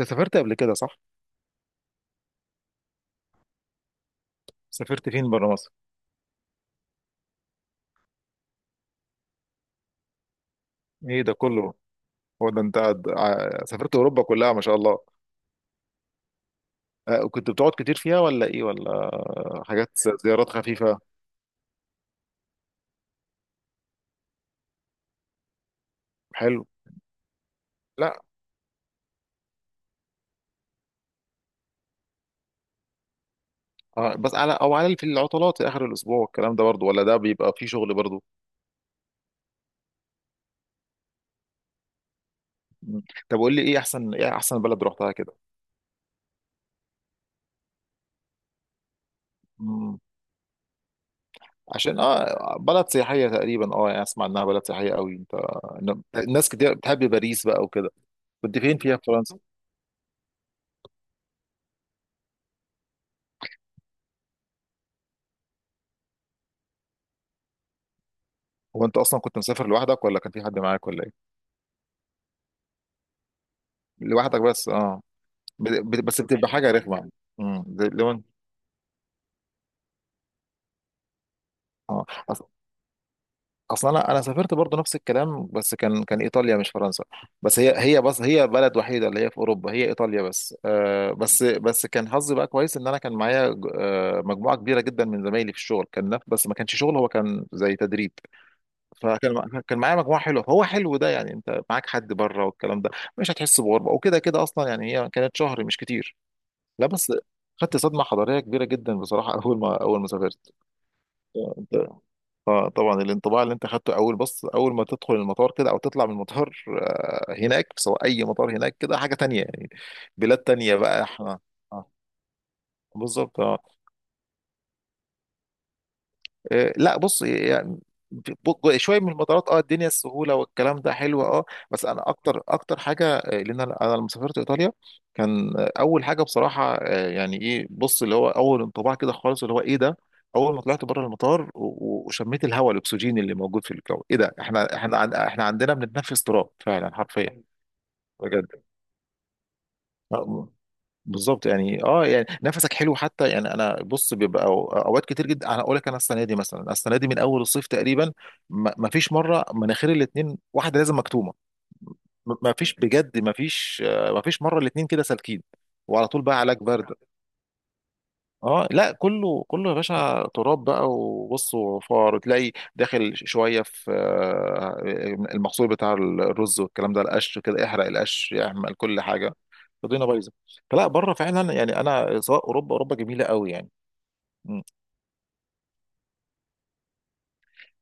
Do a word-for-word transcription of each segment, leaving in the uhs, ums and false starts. انت سافرت قبل كده صح؟ سافرت فين بره مصر؟ ايه ده كله؟ هو ده انت قاعد- ع- سافرت اوروبا كلها، ما شاء الله. آه، كنت بتقعد كتير فيها ولا ايه ولا حاجات، زيارات خفيفة؟ حلو. لا. آه بس على او على في العطلات في اخر الاسبوع، الكلام ده برضو، ولا ده بيبقى فيه شغل برضو؟ مم. طب قول لي، ايه احسن ايه احسن بلد رحتها كده؟ مم. عشان اه بلد سياحية تقريبا، اه يعني اسمع انها بلد سياحية قوي، انت. الناس كتير بتحب باريس بقى وكده. كنت فين فيها في فرنسا؟ هو انت اصلا كنت مسافر لوحدك ولا كان في حد معاك ولا؟ لوحدك بس، اه. ب- ب- بس بتبقى حاجه رخمه. امم زي- لو انت. اه. أص- اصلا انا انا سافرت برضه نفس الكلام، بس كان كان ايطاليا مش فرنسا. بس هي هي بس هي بلد وحيده اللي هي في اوروبا، هي ايطاليا بس. آه بس بس كان حظي بقى كويس ان انا كان معايا ج- آه مجموعه كبيره جدا من زمايلي في الشغل، كان نف- بس ما كانش شغل، هو كان زي تدريب. فكان مع- كان معايا مجموعه حلوه، فهو حلو ده يعني انت معاك حد بره والكلام ده. مش هتحس بغربه، وكده كده اصلا يعني هي كانت شهر مش كتير. لا بس خدت صدمة حضارية كبيرة جدا بصراحة أول ما أول ما سافرت. أنت- آه، طبعا الانطباع اللي أنت خدته أول بص أول ما تدخل المطار كده أو تطلع من المطار، آه، هناك سواء أي مطار هناك كده حاجة تانية يعني. بلاد تانية بقى إحنا. آه، بالظبط آه. آه، لا بص يعني ب- شويه من المطارات، اه الدنيا السهوله والكلام ده حلو، اه. بس انا اكتر اكتر حاجه، آه، لان انا أنا لما سافرت ايطاليا كان، آه، اول حاجه بصراحه، آه، يعني ايه بص اللي هو اول انطباع كده خالص اللي هو ايه ده. اول ما طلعت بره المطار و- و- وشميت الهواء، الاكسجين اللي موجود في الجو، ايه ده؟ احنا احنا عن- احنا عندنا بنتنفس تراب فعلا حرفيا. بجد. آه، بالظبط يعني، اه يعني نفسك حلو حتى، يعني انا بص بيبقى أو- اوقات كتير جدا، انا اقول لك، انا السنه دي مثلا، السنه دي من اول الصيف تقريبا ما ما فيش مره مناخير الاتنين، واحده لازم مكتومه. ما فيش بجد، ما فيش. ما فيش مره الاتنين كده سالكين. وعلى طول بقى علاج برد. اه لا، كله كله يا باشا، تراب بقى وبص وفار، وتلاقي داخل شويه في، آه، المحصول بتاع الرز والكلام ده، القش كده، احرق القش يعمل كل حاجه. الدنيا بايظه. فلا، بره فعلا، يعني انا سواء اوروبا، اوروبا جميله قوي يعني. مم.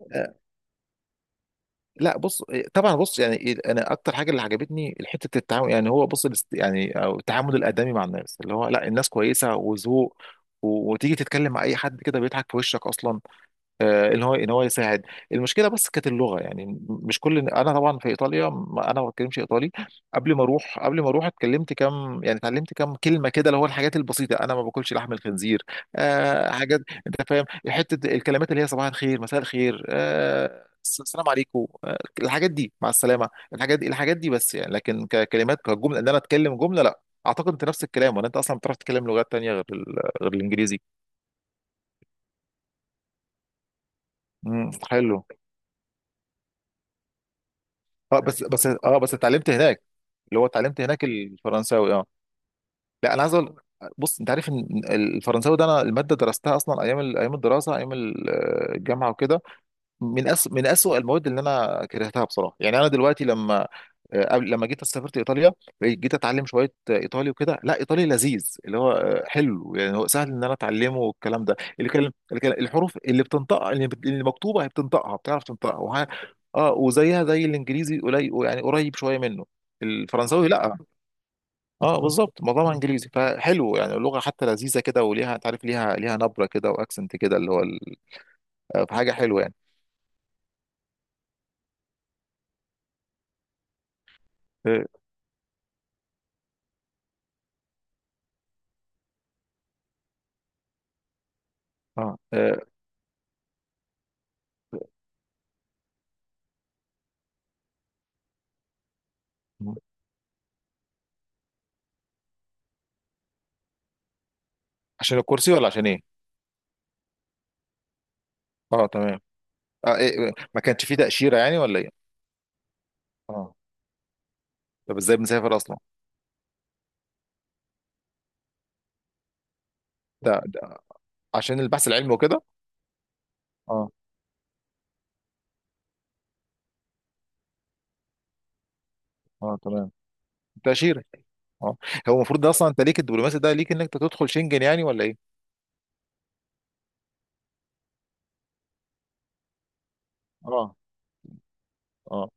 آه، لا بص، آه، طبعا بص يعني إيه، انا اكتر حاجه اللي عجبتني حته التعامل، يعني هو بص الاست- يعني أو التعامل الادمي مع الناس، اللي هو لا الناس كويسه وذوق، و- وتيجي تتكلم مع اي حد كده بيضحك في وشك اصلا، آه، ان هو ان هو يساعد. المشكله بس كانت اللغه، يعني م- مش كل، انا طبعا في ايطاليا، م- انا ما بتكلمش ايطالي. قبل ما اروح قبل ما اروح اتكلمت كام، يعني اتعلمت كام كلمه كده، اللي هو الحاجات البسيطه، انا ما باكلش لحم الخنزير، آه حاجات، انت فاهم، حته الكلمات اللي هي صباح الخير، مساء الخير، آه الس- السلام عليكم، آه الحاجات دي، مع السلامه، الحاجات دي الحاجات دي بس، يعني لكن ككلمات، كجمله ان انا اتكلم جمله لا. اعتقد انت نفس الكلام، ولا انت اصلا بتعرف تتكلم لغات تانية غير ال- غير الانجليزي؟ امم، حلو. اه بس بس اه بس اتعلمت هناك، اللي هو اتعلمت هناك الفرنساوي، اه. لا انا عايز اقول، بص انت عارف ان الفرنساوي ده، انا الماده درستها اصلا ايام ال- ايام الدراسه، ايام ال- آه، الجامعه وكده، من أس... من أسوأ المواد اللي انا كرهتها بصراحه. يعني انا دلوقتي لما، آه، قبل لما جيت سافرت ايطاليا، جيت اتعلم شويه، آه، ايطالي وكده، لا ايطالي لذيذ، اللي هو، آه، حلو يعني، هو سهل ان انا اتعلمه والكلام ده، اللي كلم... اللي كلم... الحروف اللي بتنطقها، اللي, بت... اللي مكتوبه هي بتنطقها، بتعرف تنطقها وه... اه، وزيها زي الانجليزي قليل، يعني قريب شويه منه. الفرنساوي لا. اه بالظبط، معظمها انجليزي، فحلو يعني اللغه حتى لذيذه كده، وليها، تعرف ليها، ليها نبره كده واكسنت كده، اللي هو ال... آه، فحاجه حلوه يعني. اه. آه. آه. عشان الكرسي ولا عشان ايه؟ اه، تمام. آه إيه إيه، ما كانش فيه تأشيرة يعني ولا ايه؟ اه، طب ازاي بنسافر اصلا؟ ده, ده عشان البحث العلمي وكده. اه. اه، تمام. تأشيرة. اه. هو المفروض ده اصلا انت ليك، الدبلوماسي ده ليك انك تدخل شنجن يعني ولا ايه؟ اه. اه.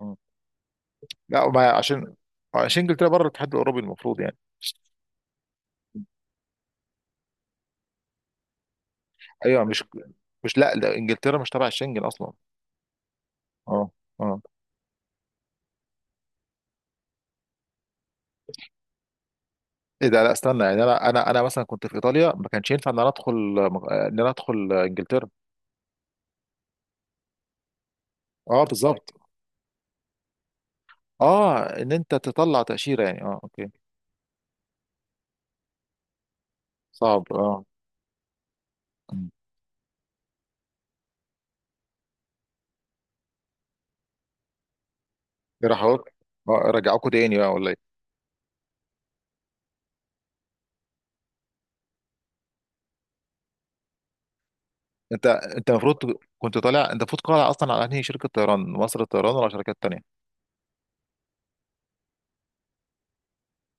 اه لا، ما عشان، آه، شنجن طلع بره الاتحاد الاوروبي المفروض يعني. ايوه مش مش لا، ده انجلترا مش تبع الشنجن اصلا. اه. اه ايه ده؟ لا استنى يعني، انا انا انا مثلا كنت في ايطاليا ما كانش ينفع ان انا ادخل، آه، ان انا ادخل، آه، انجلترا؟ اه بالظبط. اه ان انت تطلع تأشيرة يعني، اه اوكي. صعب، اه. مم. إيه راح أقول؟ اه، رجعوكوا تاني بقى ولا ايه؟ انت انت المفروض ت- كنت طالع، انت المفروض قالع اصلا على انهي شركة طيران، مصر الطيران ولا شركات تانية؟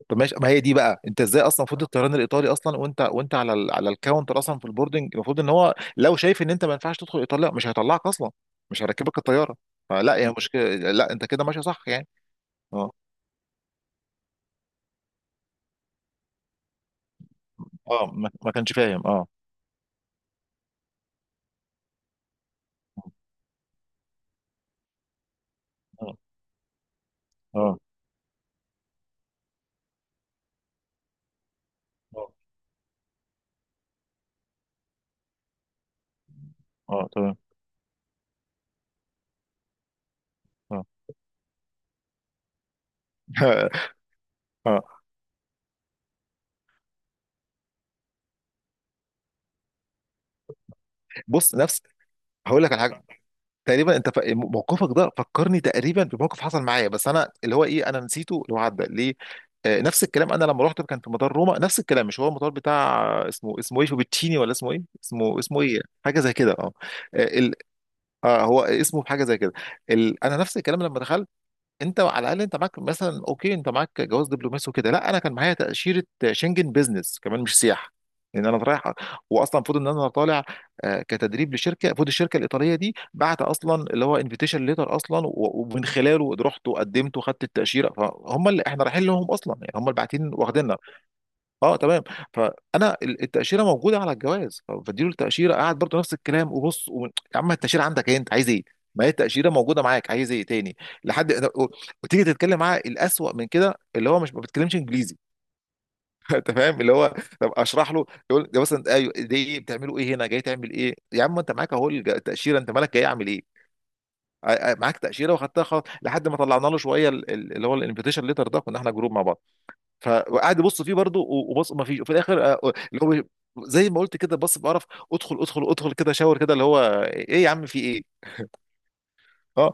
طب ماشي، ما هي دي بقى انت ازاي اصلا، المفروض الطيران الايطالي اصلا، وانت وانت على ال... على الكاونتر اصلا في البوردنج، المفروض ان هو لو شايف ان انت ما ينفعش تدخل ايطاليا مش هيطلعك اصلا، مش هيركبك الطيارة. فلا، هي مشكلة، لا انت كده ماشي صح يعني. اه. اه ما, ما كانش فاهم، اه. اه. اه. اه. آه، تمام. اه بص نفس، هقول لك على حاجه. تقريبا انت ف... موقفك ده فكرني تقريبا بموقف حصل معايا، بس انا اللي هو ايه، انا نسيته، اللي هو عدى ليه. آه نفس الكلام، انا لما رحت كان في مطار روما، نفس الكلام، مش هو المطار بتاع، آه، اسمه، اسمه ايه فوبتشيني ولا اسمه ايه، اسمه اسمه ايه حاجه زي كده، اه. آه، ال... آه هو اسمه حاجه زي كده. ال... انا نفس الكلام لما دخلت، انت على الاقل انت معاك مثلا اوكي، انت معاك جواز دبلوماسي وكده، لا انا كان معايا تاشيره شنجن، بيزنس كمان مش سياحه، لان انا رايح. واصلا المفروض ان انا طالع، آه، كتدريب لشركه، المفروض الشركه الايطاليه دي بعت اصلا اللي هو انفيتيشن ليتر اصلا، و- ومن خلاله رحت وقدمت وخدت التاشيره، فهم اللي احنا رايحين لهم اصلا، يعني هم اللي باعتين واخديننا. اه تمام. فانا ال- التاشيره موجوده على الجواز، ف- فاديله التاشيره قاعد برضه نفس الكلام، وبص و... يا عم، التاشيره عندك، ايه انت عايز ايه؟ ما هي التاشيره موجوده معاك، عايز ايه تاني؟ لحد و... وتيجي تتكلم معاه، الاسوأ من كده اللي هو مش، ما بتكلمش انجليزي انت فاهم اللي هو. طب اشرح له يقول، ده مثلا ايوه، ده ايه بتعملوا ايه هنا، جاي تعمل ايه يا عم، انت معاك اهو الج- التاشيره، انت مالك، جاي اعمل ايه؟ ع- ع- معاك تاشيره واخدتها خلاص، لحد ما طلعنا له شويه ال- ال- اللي هو الانفيتيشن ليتر ده، كنا احنا جروب مع بعض. فقعد يبص فيه برضه، و- وبص ما فيش، وفي الاخر، آه، اللي هو زي ما قلت كده، بص بقرف، ادخل ادخل ادخل كده، شاور كده اللي هو، ايه يا عم في ايه؟ اه.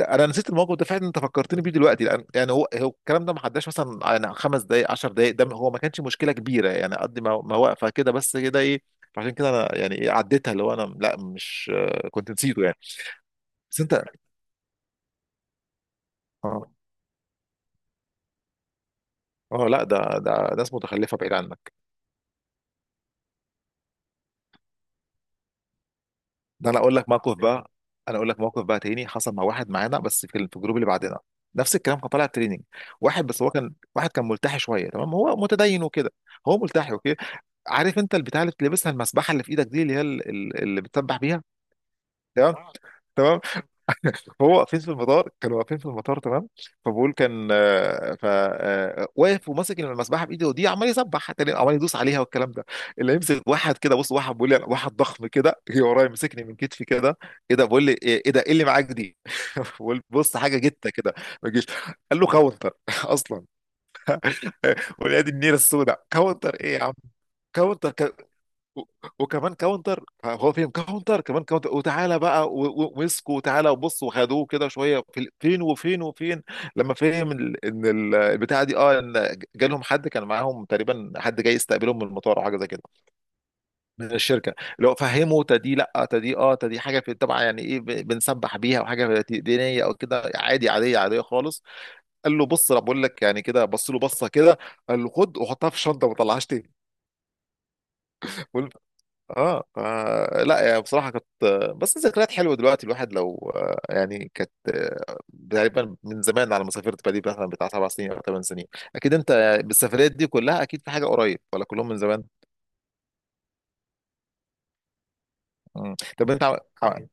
انا نسيت الموقف ده فعلا، انت فكرتني بيه دلوقتي. لان يعني هو هو الكلام ده ما عداش مثلا يعني خمس دقائق، عشر دقائق، ده هو ما كانش مشكله كبيره يعني، قد ما ما واقفه كده بس، كده ايه؟ عشان كده انا يعني ايه عديتها، اللي هو انا لا مش، آه، كنت نسيته يعني. بس انت. اه. اه لا، ده ده ناس متخلفه بعيد عنك. ده انا اقول لك موقف بقى انا اقول لك موقف بقى تاني، حصل مع واحد معانا بس في ال- في الجروب اللي بعدنا، نفس الكلام، كان طالع تريننج، واحد بس هو، كان واحد كان ملتحي شويه، تمام هو متدين وكده، هو ملتحي اوكي. عارف انت البتاع اللي بتلبسها، المسبحه اللي في ايدك دي، اللي هي ال- ال- اللي بتسبح بيها، تمام. تمام. هو واقفين في المطار، كانوا واقفين في المطار، تمام. فبقول، كان آه، ف آه، واقف وماسك المسبحه بايده ودي، عمال يسبح، تاني عمال يدوس عليها والكلام ده. اللي يمسك واحد كده بص، واحد بيقول لي أنا- واحد ضخم كده جه ورايا، مسكني من كتفي كده، ايه ده؟ بقول لي ايه إيه ده، ايه اللي معاك دي؟ بقول بص، حاجه جته كده، ما تجيش، قال له كاونتر اصلا. ولاد النيله السوداء، كاونتر ايه يا عم؟ كاونتر، و- وكمان كاونتر، هو فيهم كاونتر كمان كاونتر، وتعالى بقى و- و- ومسكوا وتعالى، وبص وخدوه كده شويه في ال- فين وفين وفين، لما فهم ال- ان ال- البتاعه دي، اه ان جالهم حد كان معاهم تقريبا، حد جاي يستقبلهم من المطار او حاجه زي كده، من الشركه، لو فهموا تدي، لا تدي اه، تدي حاجه في طبعا، يعني ايه ب- بنسبح بيها، وحاجه في- دينيه او كده، عادي، عاديه، عاديه خالص، قال له بص انا بقول لك يعني كده، بص له بصه كده، قال له خد وحطها في الشنطه وما طلعهاش تاني. اه. آه، لا يعني بصراحة كانت، بس ذكريات حلوة دلوقتي الواحد، لو، آه، يعني كانت، آه، تقريبا من زمان على ما سافرت، بالي مثلا بتاع سبع سنين او ثمان سنين. اكيد انت بالسفريات دي كلها اكيد في حاجة قريب، ولا كلهم من زمان؟ مم. طب انت عم... عم-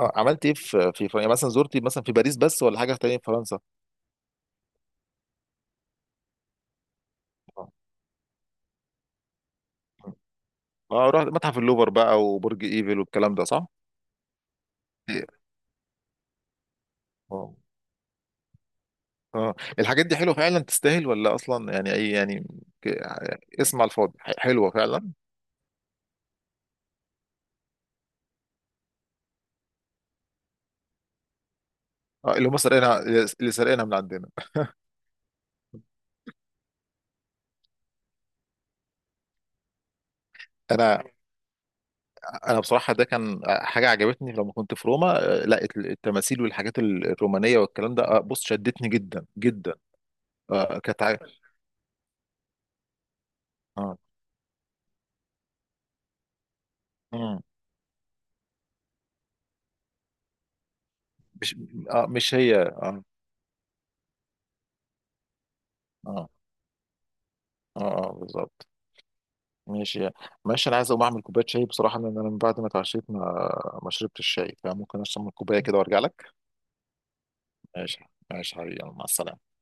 آه، عملت ايه في في فرنسا مثلا؟ زرتي مثلا في باريس بس ولا حاجة تانية في فرنسا؟ اه. اه رحت متحف اللوفر بقى وبرج ايفل والكلام ده صح؟ إيه. اه. اه الحاجات دي حلوة فعلا تستاهل ولا اصلا يعني اي يعني؟ ك- اسم على الفاضي، ح- حلوة فعلا. اه اللي هم سرقينها، اللي سرقينها من عندنا. انا، انا بصراحه ده كان حاجه عجبتني لما كنت في روما، آه، لا الت- التماثيل والحاجات ال- الرومانيه والكلام ده، آه، بص شدتني جدا جدا. آه، كانت عا- اه. مم. مش، آه مش هي، اه. اه. اه, آه بالظبط. ماشي. ماشي انا عايز اقوم اعمل كوبايه شاي بصراحه، لان انا من بعد ما اتعشيت ما ما شربت الشاي، فممكن اشرب كوبايه كده وارجع لك. ماشي. ماشي حبيبي، يلا، مع السلامه.